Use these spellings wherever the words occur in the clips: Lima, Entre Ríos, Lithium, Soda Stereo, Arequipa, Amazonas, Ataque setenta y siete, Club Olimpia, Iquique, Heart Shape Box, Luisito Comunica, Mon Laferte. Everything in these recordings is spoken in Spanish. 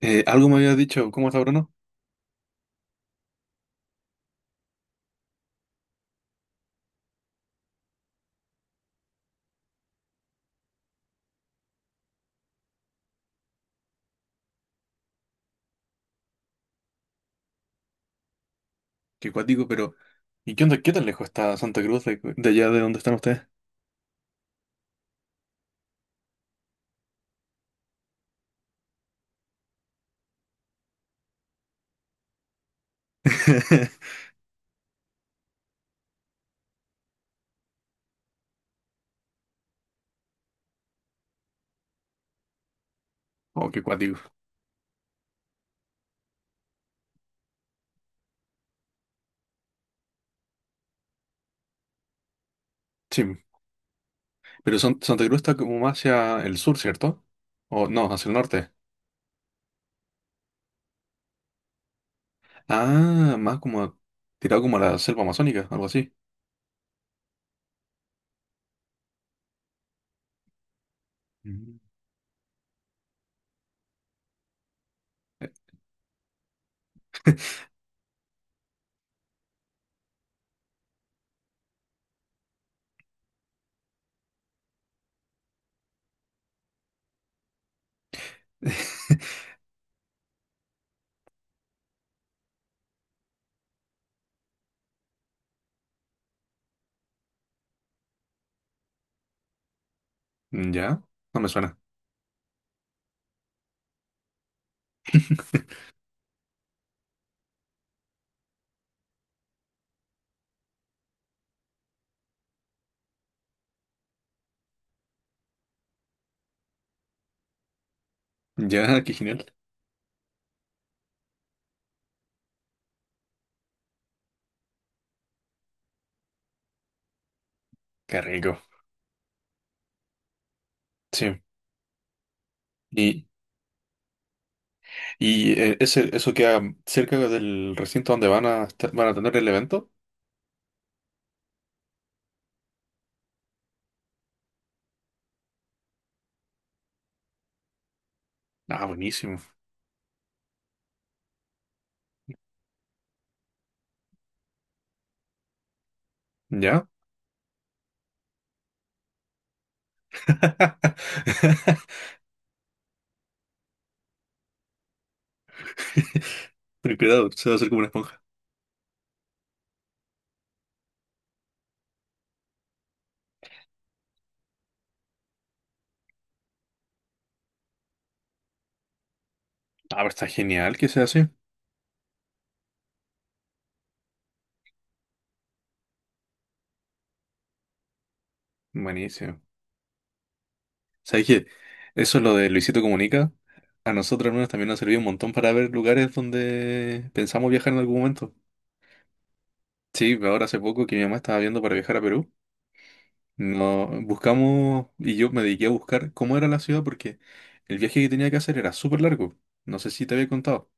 Algo me había dicho, ¿cómo está Bruno? Que cuático, pero ¿y qué onda? ¿Qué tan lejos está Santa Cruz de allá de donde están ustedes? Oh, qué cuático. Sí, pero Santa Cruz está como más hacia el sur, ¿cierto? O no, hacia el norte. Ah, más como tirado como a la selva amazónica, algo así. Mm. Eh, Ya, no me suena. Ya, qué genial. Qué rico. Sí. Y, y eso queda cerca del recinto donde van a tener el evento. Ah, buenísimo. Ya. Ten cuidado, se va a hacer como una esponja. Ah, pero está genial que sea así. Buenísimo. ¿Sabes qué? Eso es lo de Luisito Comunica. A nosotros al menos también nos sirvió un montón para ver lugares donde pensamos viajar en algún momento. Sí, ahora hace poco que mi mamá estaba viendo para viajar a Perú, no buscamos y yo me dediqué a buscar cómo era la ciudad porque el viaje que tenía que hacer era súper largo. No sé si te había contado.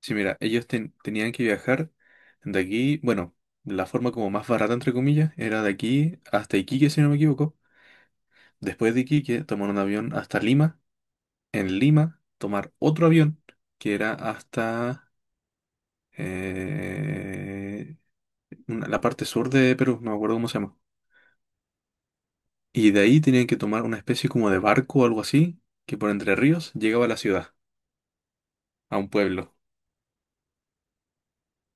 Sí, mira, ellos tenían que viajar de aquí, bueno, la forma como más barata, entre comillas, era de aquí hasta Iquique, si no me equivoco. Después de Iquique, tomar un avión hasta Lima. En Lima, tomar otro avión que era hasta eh, la parte sur de Perú, no me acuerdo cómo se llama. Y de ahí tenían que tomar una especie como de barco o algo así, que por Entre Ríos llegaba a la ciudad, a un pueblo.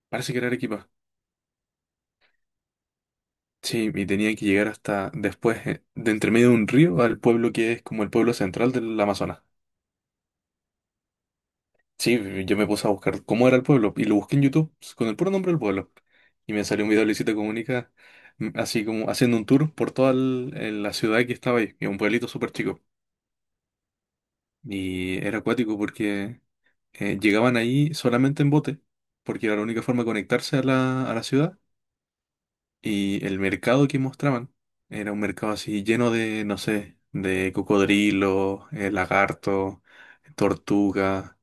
Parece que era Arequipa. Sí, y tenía que llegar hasta después, de entre medio de un río, al pueblo que es como el pueblo central del Amazonas. Sí, yo me puse a buscar cómo era el pueblo y lo busqué en YouTube con el puro nombre del pueblo. Y me salió un video de Luisito Comunica, mm, así como haciendo un tour por toda la ciudad que estaba ahí, que es un pueblito súper chico. Y era acuático porque llegaban ahí solamente en bote, porque era la única forma de conectarse a la ciudad. Y el mercado que mostraban era un mercado así lleno de, no sé, de cocodrilo, lagarto, tortuga.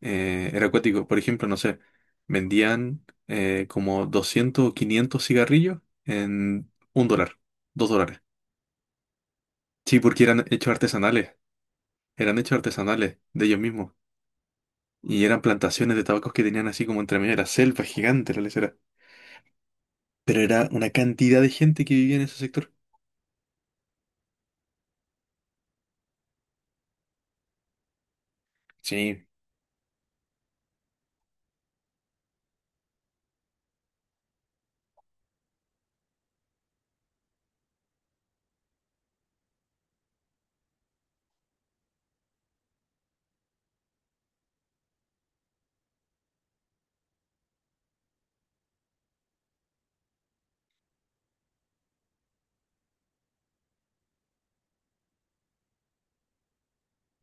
Era acuático. Por ejemplo, no sé, vendían como 200 o 500 cigarrillos en 1 dólar, 2 dólares. Sí, porque eran hechos artesanales. Eran hechos artesanales de ellos mismos. Y eran plantaciones de tabacos que tenían así como entre medio de la selva gigante, la lesera. Pero era una cantidad de gente que vivía en ese sector. Sí.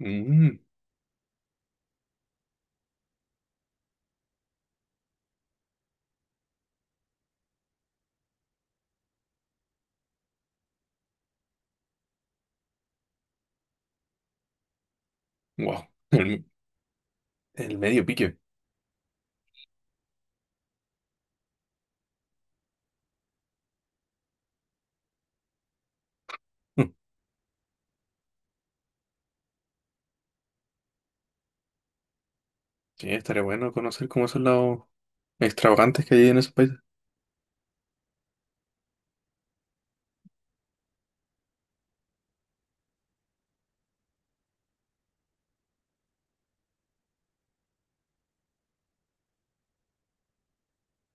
Mm. Wow, el medio pique. Mm. Sí, estaría bueno conocer cómo son los extravagantes que hay en esos países.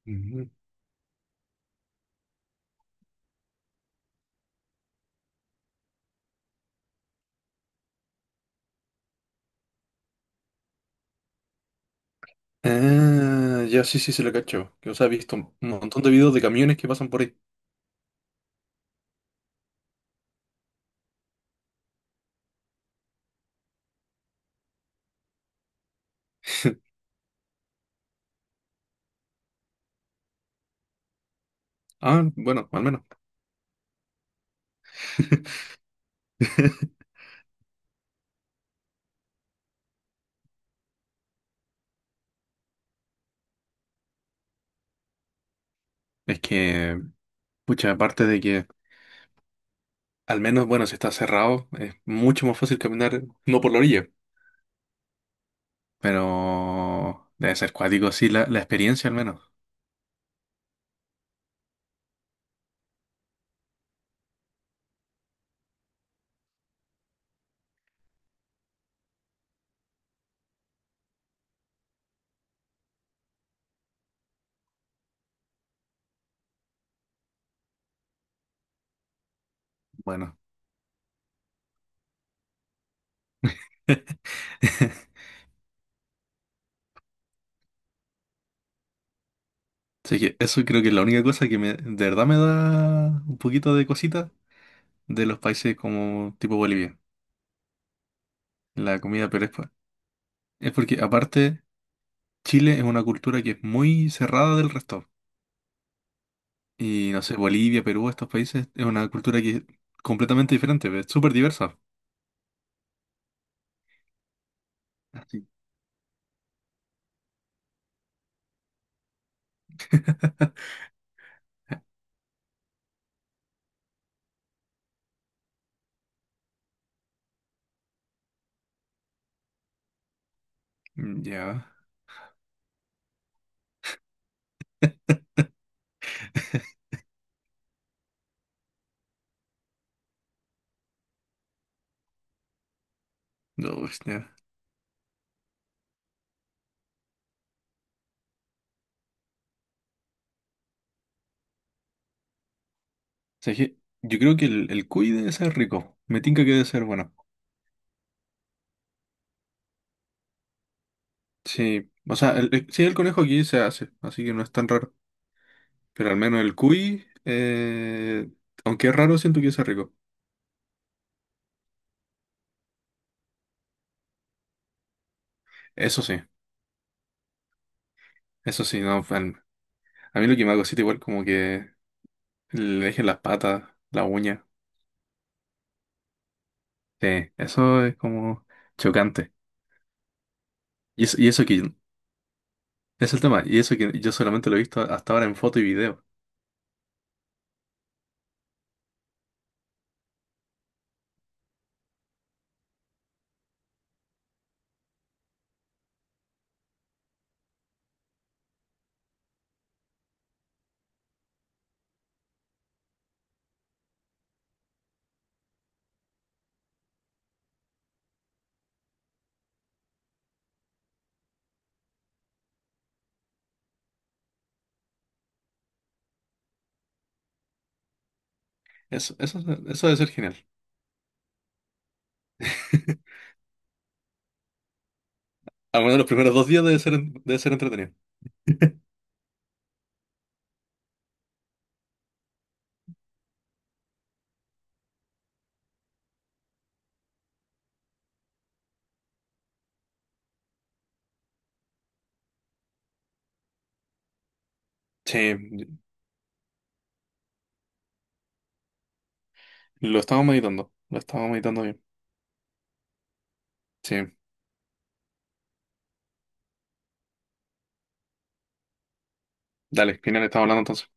Ujú. Ah, ya sí, sí, se lo cacho. Que os he visto un montón de videos de camiones que pasan por ahí. Ah, bueno, al menos. Es que, pucha, aparte de que, al menos, bueno, si está cerrado, es mucho más fácil caminar, no por la orilla, pero debe ser cuático, sí, la experiencia al menos. Bueno. Así que eso creo que es la única cosa que de verdad me da un poquito de cosita de los países como tipo Bolivia, la comida, pero es porque aparte Chile es una cultura que es muy cerrada del resto. Y no sé, Bolivia, Perú, estos países es una cultura que es completamente diferente, es súper diversa. Así. Ya, no, ya. O sea, que yo creo que el cuy debe ser rico, me tinca que debe ser bueno. Sí, o sea, sí, el conejo aquí se hace, así que no es tan raro. Pero al menos el cuy, aunque es raro, siento que es rico. Eso sí, eso sí, no, fan. A mí lo que me hago cosita igual como que le dejen las patas, la uña. Sí, eso es como chocante. Y eso que es el tema, y eso que yo solamente lo he visto hasta ahora en foto y video. Eso, eso, eso debe ser genial. Al menos los primeros 2 días debe ser entretenido. Sí, lo estamos meditando bien. Sí, dale, final, estamos hablando entonces.